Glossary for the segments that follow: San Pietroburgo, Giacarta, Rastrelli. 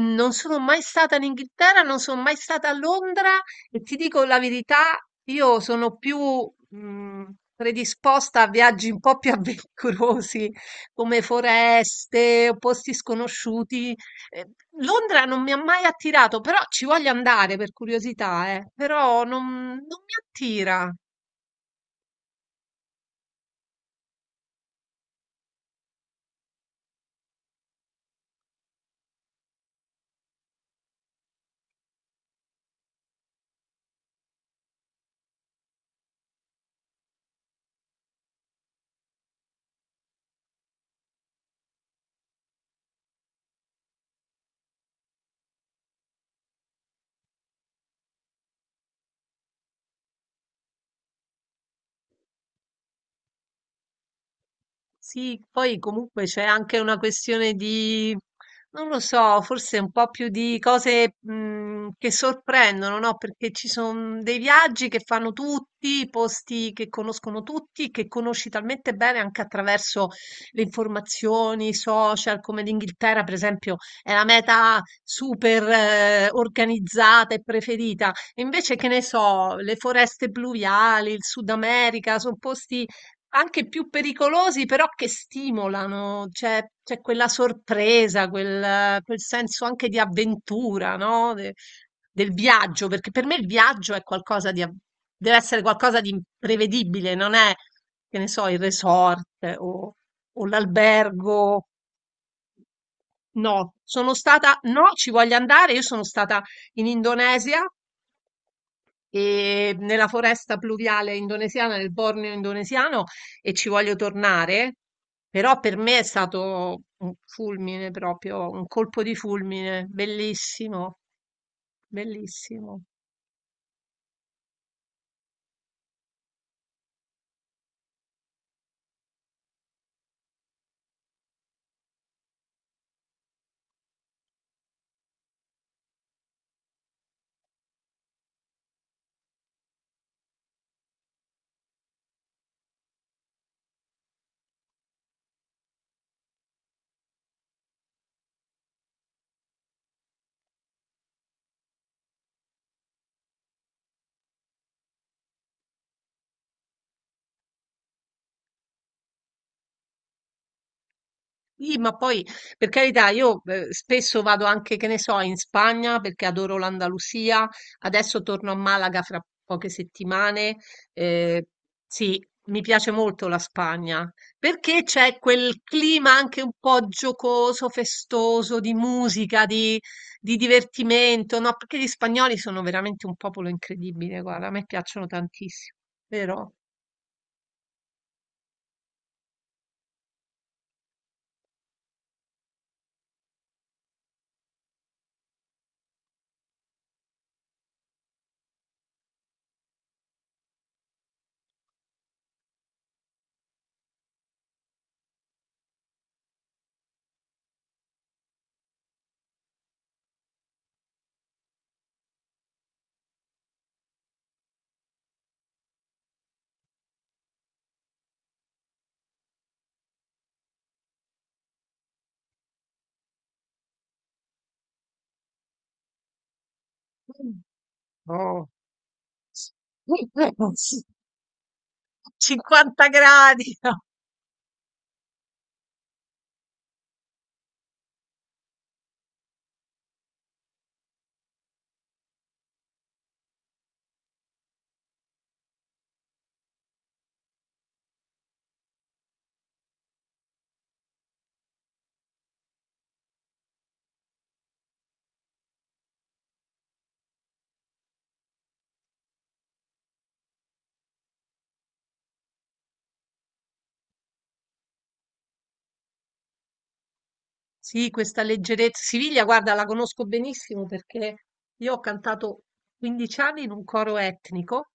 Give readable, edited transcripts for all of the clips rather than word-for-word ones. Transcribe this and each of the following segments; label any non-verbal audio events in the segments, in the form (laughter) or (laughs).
Non sono mai stata in Inghilterra, non sono mai stata a Londra e ti dico la verità, io sono più mh, predisposta a viaggi un po' più (laughs) avventurosi, come foreste o posti sconosciuti. Eh, Londra non mi ha mai attirato, però ci voglio andare per curiosità, però non mi attira. Sì, poi comunque c'è anche una questione di, non lo so, forse un po' più di cose che sorprendono, no? Perché ci sono dei viaggi che fanno tutti, posti che conoscono tutti, che conosci talmente bene anche attraverso le informazioni, i social, come l'Inghilterra, per esempio, è la meta super organizzata e preferita. Invece, che ne so, le foreste pluviali, il Sud America, sono posti anche più pericolosi, però che stimolano, c'è quella sorpresa, quel, quel senso anche di avventura, no? Del viaggio, perché per me il viaggio è qualcosa di, deve essere qualcosa di imprevedibile, non è, che ne so, il resort o, o l'albergo. No, sono stata, no, ci voglio andare. Io sono stata in Indonesia e nella foresta pluviale indonesiana, nel Borneo indonesiano, e ci voglio tornare. Però per me è stato un fulmine proprio, un colpo di fulmine, bellissimo, bellissimo. Sì, ma poi per carità, io spesso vado anche, che ne so, in Spagna perché adoro l'Andalusia. Adesso torno a Malaga fra poche settimane. Eh, sì, mi piace molto la Spagna perché c'è quel clima anche un po' giocoso, festoso, di musica, di divertimento, no? Perché gli spagnoli sono veramente un popolo incredibile, guarda, a me piacciono tantissimo, vero? Mm. Oh. (laughs) 50 gradi. (laughs) No? Sì, questa leggerezza. Siviglia, guarda, la conosco benissimo perché io ho cantato 15 anni in un coro etnico,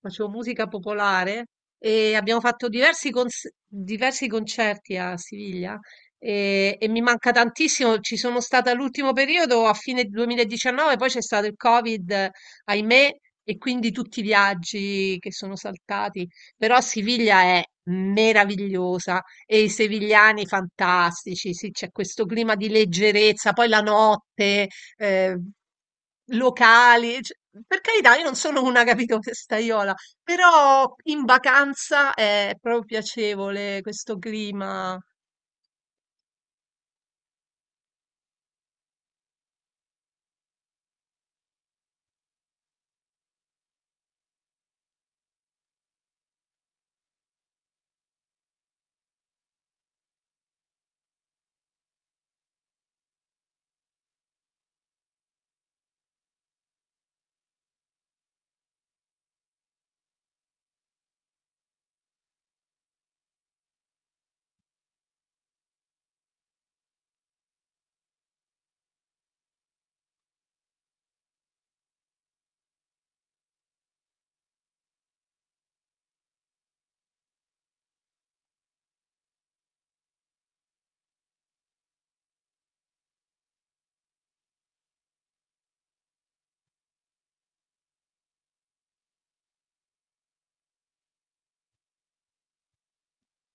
facevo musica popolare e abbiamo fatto diversi, diversi concerti a Siviglia e mi manca tantissimo. Ci sono stata l'ultimo periodo a fine 2019, poi c'è stato il Covid, ahimè, e quindi tutti i viaggi che sono saltati. Però Siviglia è meravigliosa, e i sevigliani fantastici, sì, c'è questo clima di leggerezza, poi la notte, eh, locali, cioè, per carità, io non sono una, capito, festaiola, però in vacanza è proprio piacevole questo clima.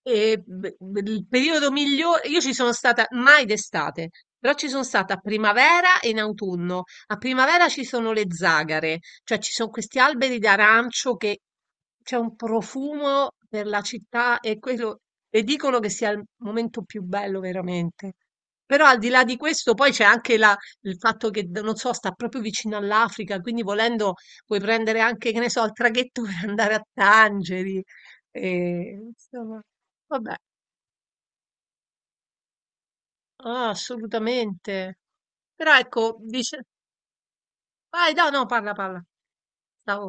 E il periodo migliore, io ci sono stata mai d'estate, però ci sono stata a primavera e in autunno. A primavera ci sono le zagare, cioè ci sono questi alberi d'arancio che c'è un profumo per la città e quello, e dicono che sia il momento più bello veramente. Però al di là di questo, poi c'è anche il fatto che, non so, sta proprio vicino all'Africa, quindi volendo puoi prendere anche, che ne so, il traghetto (laughs) per andare a Tangeri. E, insomma. Vabbè, ah, assolutamente. Però ecco, dice... Vai, no, no, parla, parla. Stavo...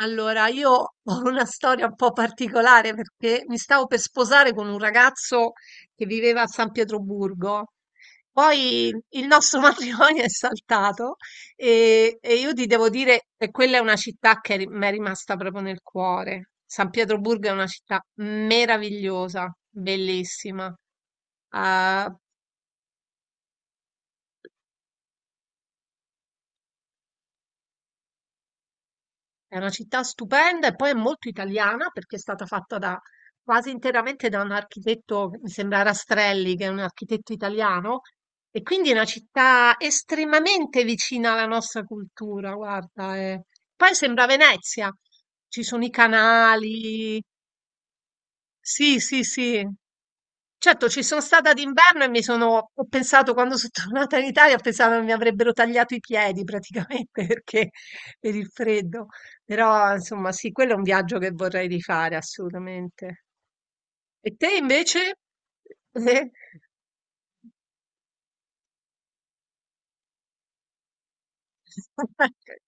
Allora, io ho una storia un po' particolare perché mi stavo per sposare con un ragazzo che viveva a San Pietroburgo. Poi il nostro (laughs) matrimonio è saltato e io ti devo dire che quella è una città che mi è rimasta proprio nel cuore. San Pietroburgo è una città meravigliosa, bellissima. Ah, è una città stupenda e poi è molto italiana perché è stata fatta da, quasi interamente da un architetto, mi sembra Rastrelli, che è un architetto italiano, e quindi è una città estremamente vicina alla nostra cultura, guarda. Eh. Poi sembra Venezia, ci sono i canali, sì, sì, sì. Certo, ci sono stata d'inverno e mi sono ho pensato quando so' (laughs) tornata in Italia, ho pensato che mi avrebbero tagliato i piedi praticamente (laughs) perché per il freddo. Però insomma sì, quello è un viaggio che vorrei rifare assolutamente. E te invece? (laughs) Eh? (laughs)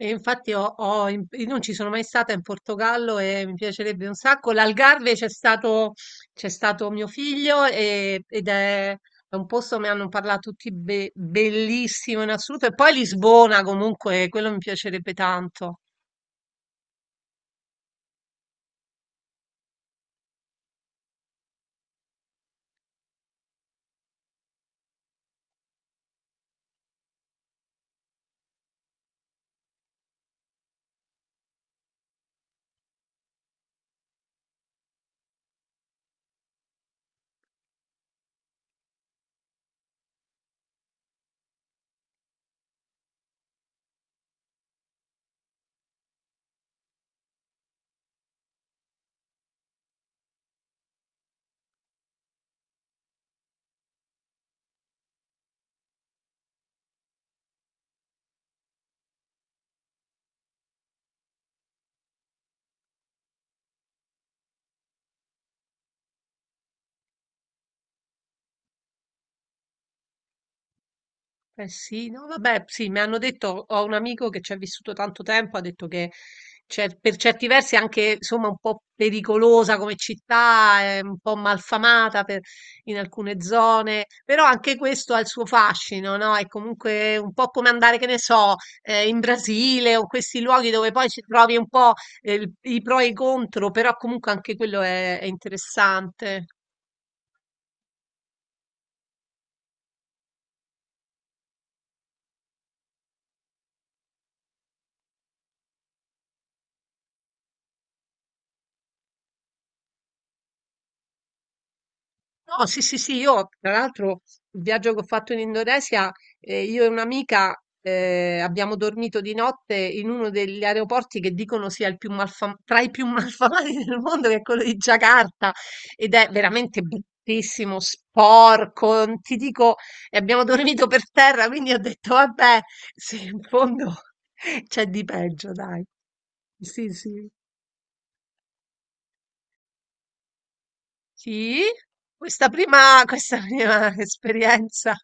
E infatti io non ci sono mai stata in Portogallo e mi piacerebbe un sacco. L'Algarve c'è stato mio figlio ed è un posto, mi hanno parlato tutti bellissimo in assoluto. E poi Lisbona comunque, quello mi piacerebbe tanto. Eh sì, no, vabbè, sì, mi hanno detto, ho un amico che ci ha vissuto tanto tempo, ha detto che per certi versi è anche, insomma, un po' pericolosa come città, è un po' malfamata in alcune zone, però anche questo ha il suo fascino, no? È comunque un po' come andare, che ne so, in Brasile o questi luoghi dove poi ci trovi un po' i pro e i contro, però comunque anche quello è interessante. No, sì, sì, sì, io tra l'altro il viaggio che ho fatto in Indonesia, io e un'amica abbiamo dormito di notte in uno degli aeroporti che dicono sia il più tra i più (laughs) malfamati del mondo, che è quello di Giacarta, ed è veramente bruttissimo, sporco, non ti dico, e abbiamo dormito per terra, quindi ho detto, vabbè, se in fondo (laughs) c'è di peggio, dai. Sì, sì. Sì, questa prima (laughs) esperienza.